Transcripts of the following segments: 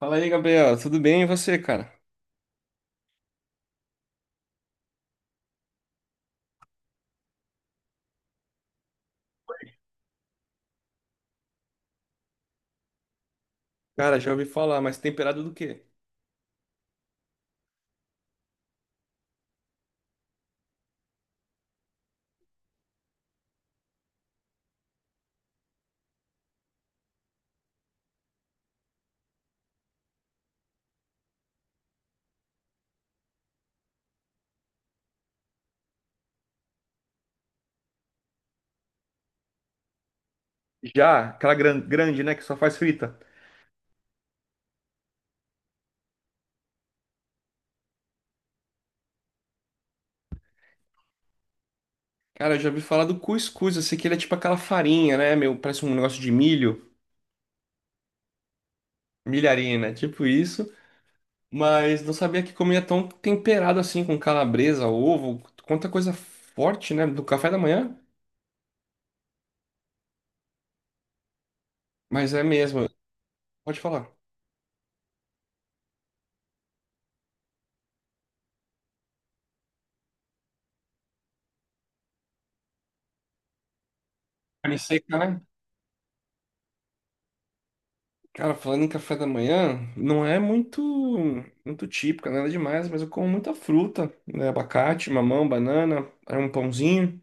Fala aí, Gabriel. Tudo bem e você, cara? Cara, já ouvi falar, mas temperado do quê? Já, aquela grande, né, que só faz frita. Cara, eu já ouvi falar do cuscuz. Eu sei que ele é tipo aquela farinha, né? Meu, parece um negócio de milho, milharina, tipo isso. Mas não sabia que comia tão temperado assim, com calabresa, ovo, quanta coisa forte, né? Do café da manhã. Mas é mesmo. Pode falar. Carne seca, né? Cara, falando em café da manhã, não é muito típico, nada demais, mas eu como muita fruta, né? Abacate, mamão, banana, aí um pãozinho.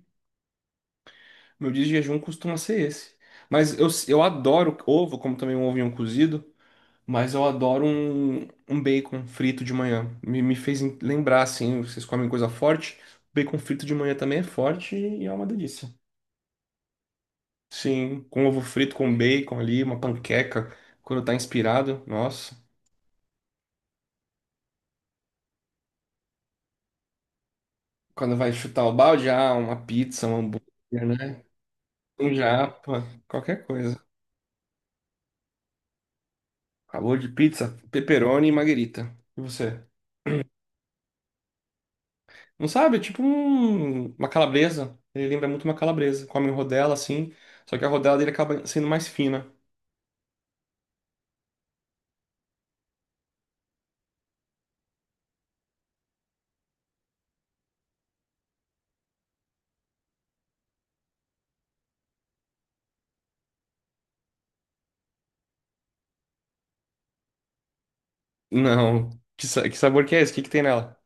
Meu dia de jejum costuma ser esse. Mas eu adoro ovo, como também um ovinho cozido, mas eu adoro um bacon frito de manhã. Me fez lembrar, assim, vocês comem coisa forte, bacon frito de manhã também é forte e é uma delícia. Sim, com ovo frito, com bacon ali, uma panqueca, quando tá inspirado, nossa. Quando vai chutar o balde, ah, uma pizza, um hambúrguer, né? Um japa, qualquer coisa. Acabou de pizza, pepperoni e marguerita. E você? Não sabe? É tipo uma calabresa. Ele lembra muito uma calabresa. Come rodela assim, só que a rodela dele acaba sendo mais fina. Não. Que, que sabor que é esse? O que que tem nela?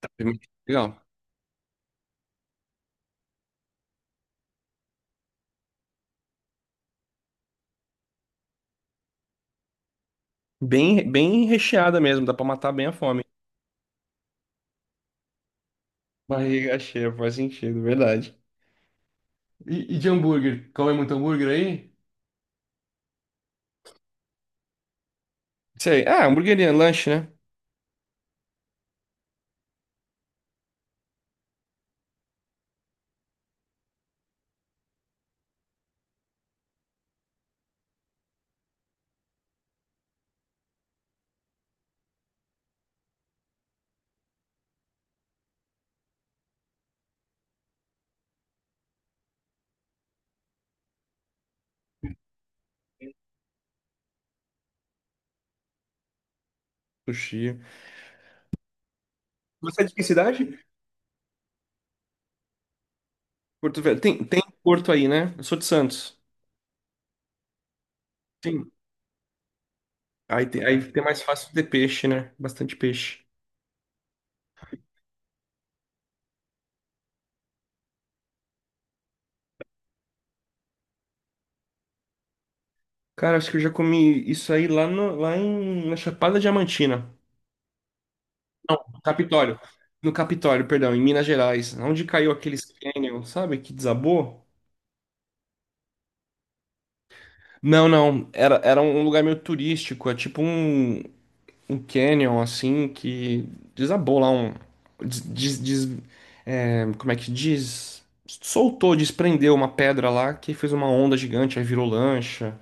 Tá. Legal. Bem, bem recheada mesmo, dá pra matar bem a fome. Barriga cheia, faz sentido, verdade. E de hambúrguer? Come muito hambúrguer aí? Sei. Ah, hamburgueria, lanche, né? Sushi. Você é de que cidade? Porto Velho. Tem, tem Porto aí, né? Eu sou de Santos. Sim. Aí tem mais fácil de ter peixe, né? Bastante peixe. Cara, acho que eu já comi isso aí lá, no, lá em, na Chapada Diamantina. Não, Capitólio. No Capitólio, perdão, em Minas Gerais. Onde caiu aqueles canyon, sabe? Que desabou? Não, não. Era, era um lugar meio turístico. É tipo um, um canyon assim que desabou lá um des, des- des- é, como é que diz? Soltou, desprendeu uma pedra lá que fez uma onda gigante, aí virou lancha.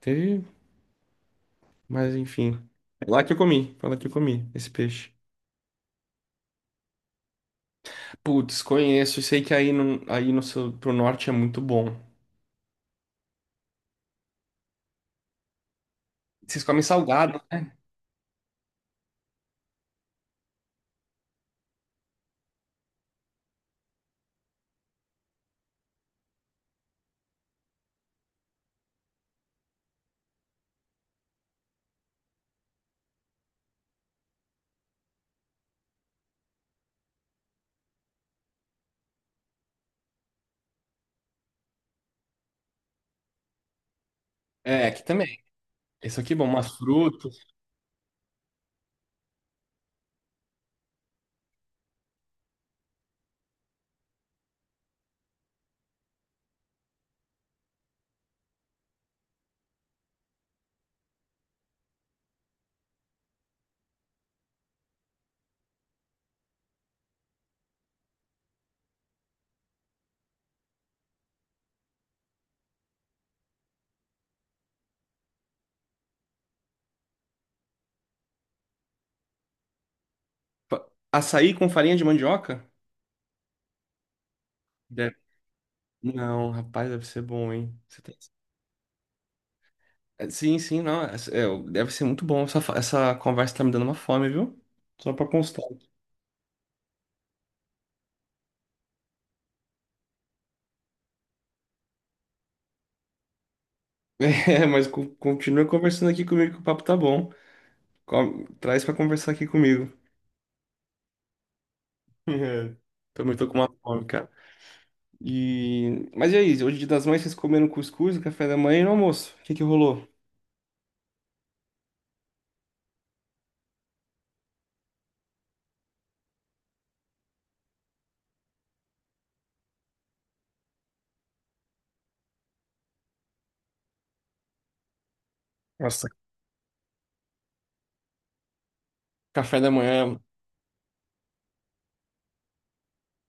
Teve, mas enfim. É lá que eu comi, foi lá que eu comi esse peixe. Putz, conheço, sei que aí no seu, pro norte é muito bom. Vocês comem salgado? É, aqui também. Isso aqui é bom, umas frutas. Açaí com farinha de mandioca? Deve. Não, rapaz, deve ser bom, hein? É, sim, sim, não. É, deve ser muito bom. Essa, essa conversa tá me dando uma fome, viu? Só pra constar. É, mas continua conversando aqui comigo que o papo tá bom. Traz pra conversar aqui comigo. É, também tô com uma fome, cara. E… Mas e aí, hoje é Dia das Mães, vocês comeram cuscuz, café da manhã e no almoço? O que que rolou? Nossa, café da manhã.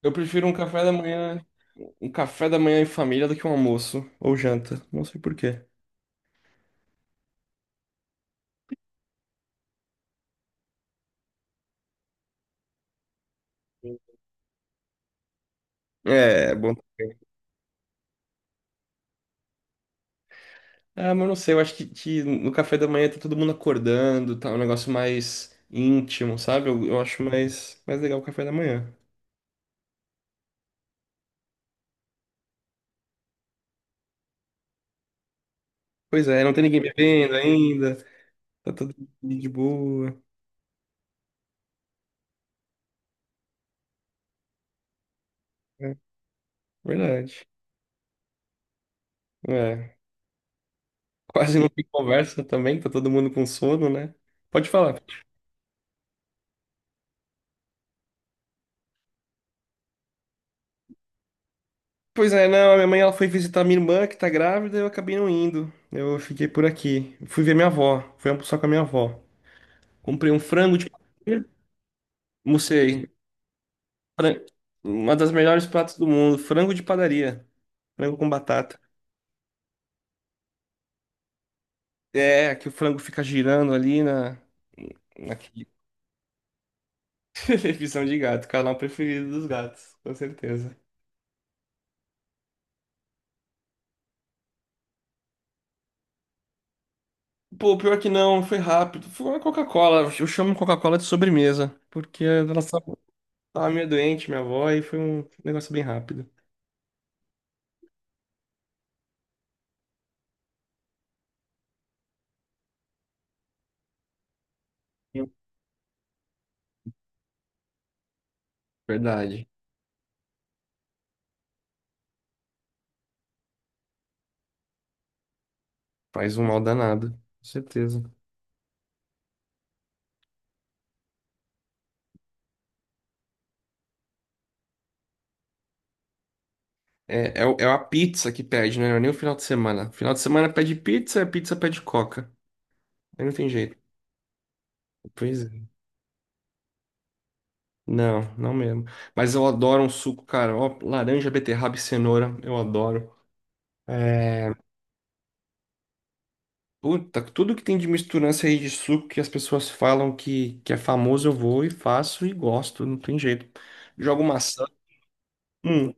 Eu prefiro um café da manhã, um café da manhã em família do que um almoço ou janta. Não sei por quê. É, bom. Ah, mas não sei, eu acho que no café da manhã tá todo mundo acordando, tá um negócio mais íntimo, sabe? Eu acho mais, mais legal o café da manhã. Pois é, não tem ninguém bebendo ainda, tá todo mundo de boa. É, verdade. É, quase não tem conversa também, tá todo mundo com sono, né? Pode falar. Pois é, não, a minha mãe ela foi visitar minha irmã que tá grávida, eu acabei não indo. Eu fiquei por aqui. Fui ver minha avó, fui almoçar com a minha avó. Comprei um frango de padeira, almocei. Fran- Uma das melhores pratos do mundo, frango de padaria, frango com batata. É, que o frango fica girando ali na, naquele… Televisão de gato, canal preferido dos gatos, com certeza. Pô, pior que não, foi rápido. Foi uma Coca-Cola, eu chamo Coca-Cola de sobremesa, porque ela estava meio doente, minha avó, e foi um negócio bem rápido. Sim. Verdade. Faz um mal danado, com certeza. É, é, é a pizza que pede, né? Não é nem o final de semana. Final de semana pede pizza, a pizza pede Coca. Aí não tem jeito. Pois é. Não, não mesmo. Mas eu adoro um suco, cara. Ó, laranja, beterraba e cenoura, eu adoro. É, puta, tudo que tem de misturança aí de suco que as pessoas falam que é famoso, eu vou e faço e gosto, não tem jeito. Jogo maçã. Hum,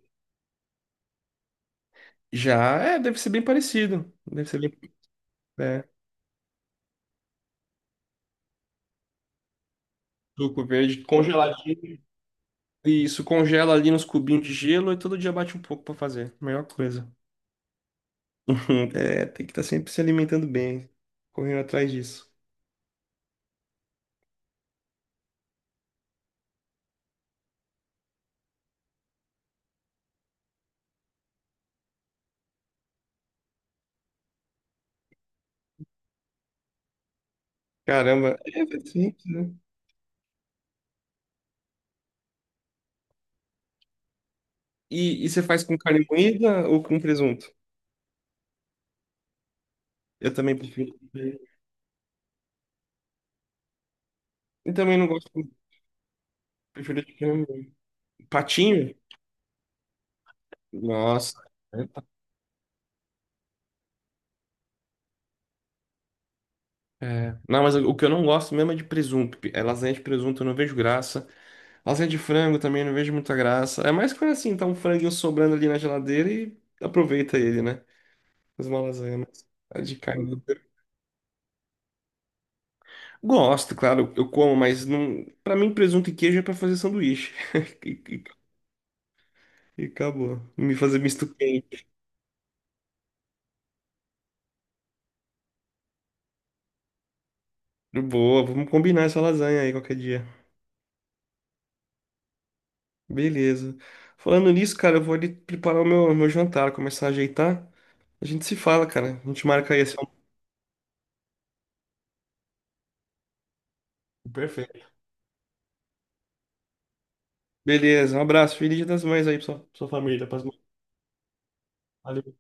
já é, deve ser bem parecido. Deve ser bem. É, suco verde congeladinho. Isso, congela ali nos cubinhos de gelo e todo dia bate um pouco pra fazer. Melhor coisa. É, tem que estar sempre se alimentando bem, correndo atrás disso. Caramba, é é simples, né? E você faz com carne moída ou com presunto? Eu também prefiro. Eu também não gosto, prefiro de carne moída. Patinho? Nossa. É. Não, mas o que eu não gosto mesmo é de presunto. É lasanha de presunto, eu não vejo graça. Lasanha de frango também, eu não vejo muita graça. É mais coisa assim, tá um franguinho sobrando ali na geladeira e aproveita ele, né? Faz uma lasanha, mas a de carne. Gosto, claro, eu como, mas não… para mim presunto e queijo é pra fazer sanduíche. E acabou. Me fazer misto quente. Boa, vamos combinar essa lasanha aí qualquer dia. Beleza. Falando nisso, cara, eu vou ali preparar o meu jantar, começar a ajeitar. A gente se fala, cara. A gente marca aí esse almoço. Perfeito. Beleza, um abraço. Feliz Dia das Mães aí pra pra sua família. Pras mães. Valeu.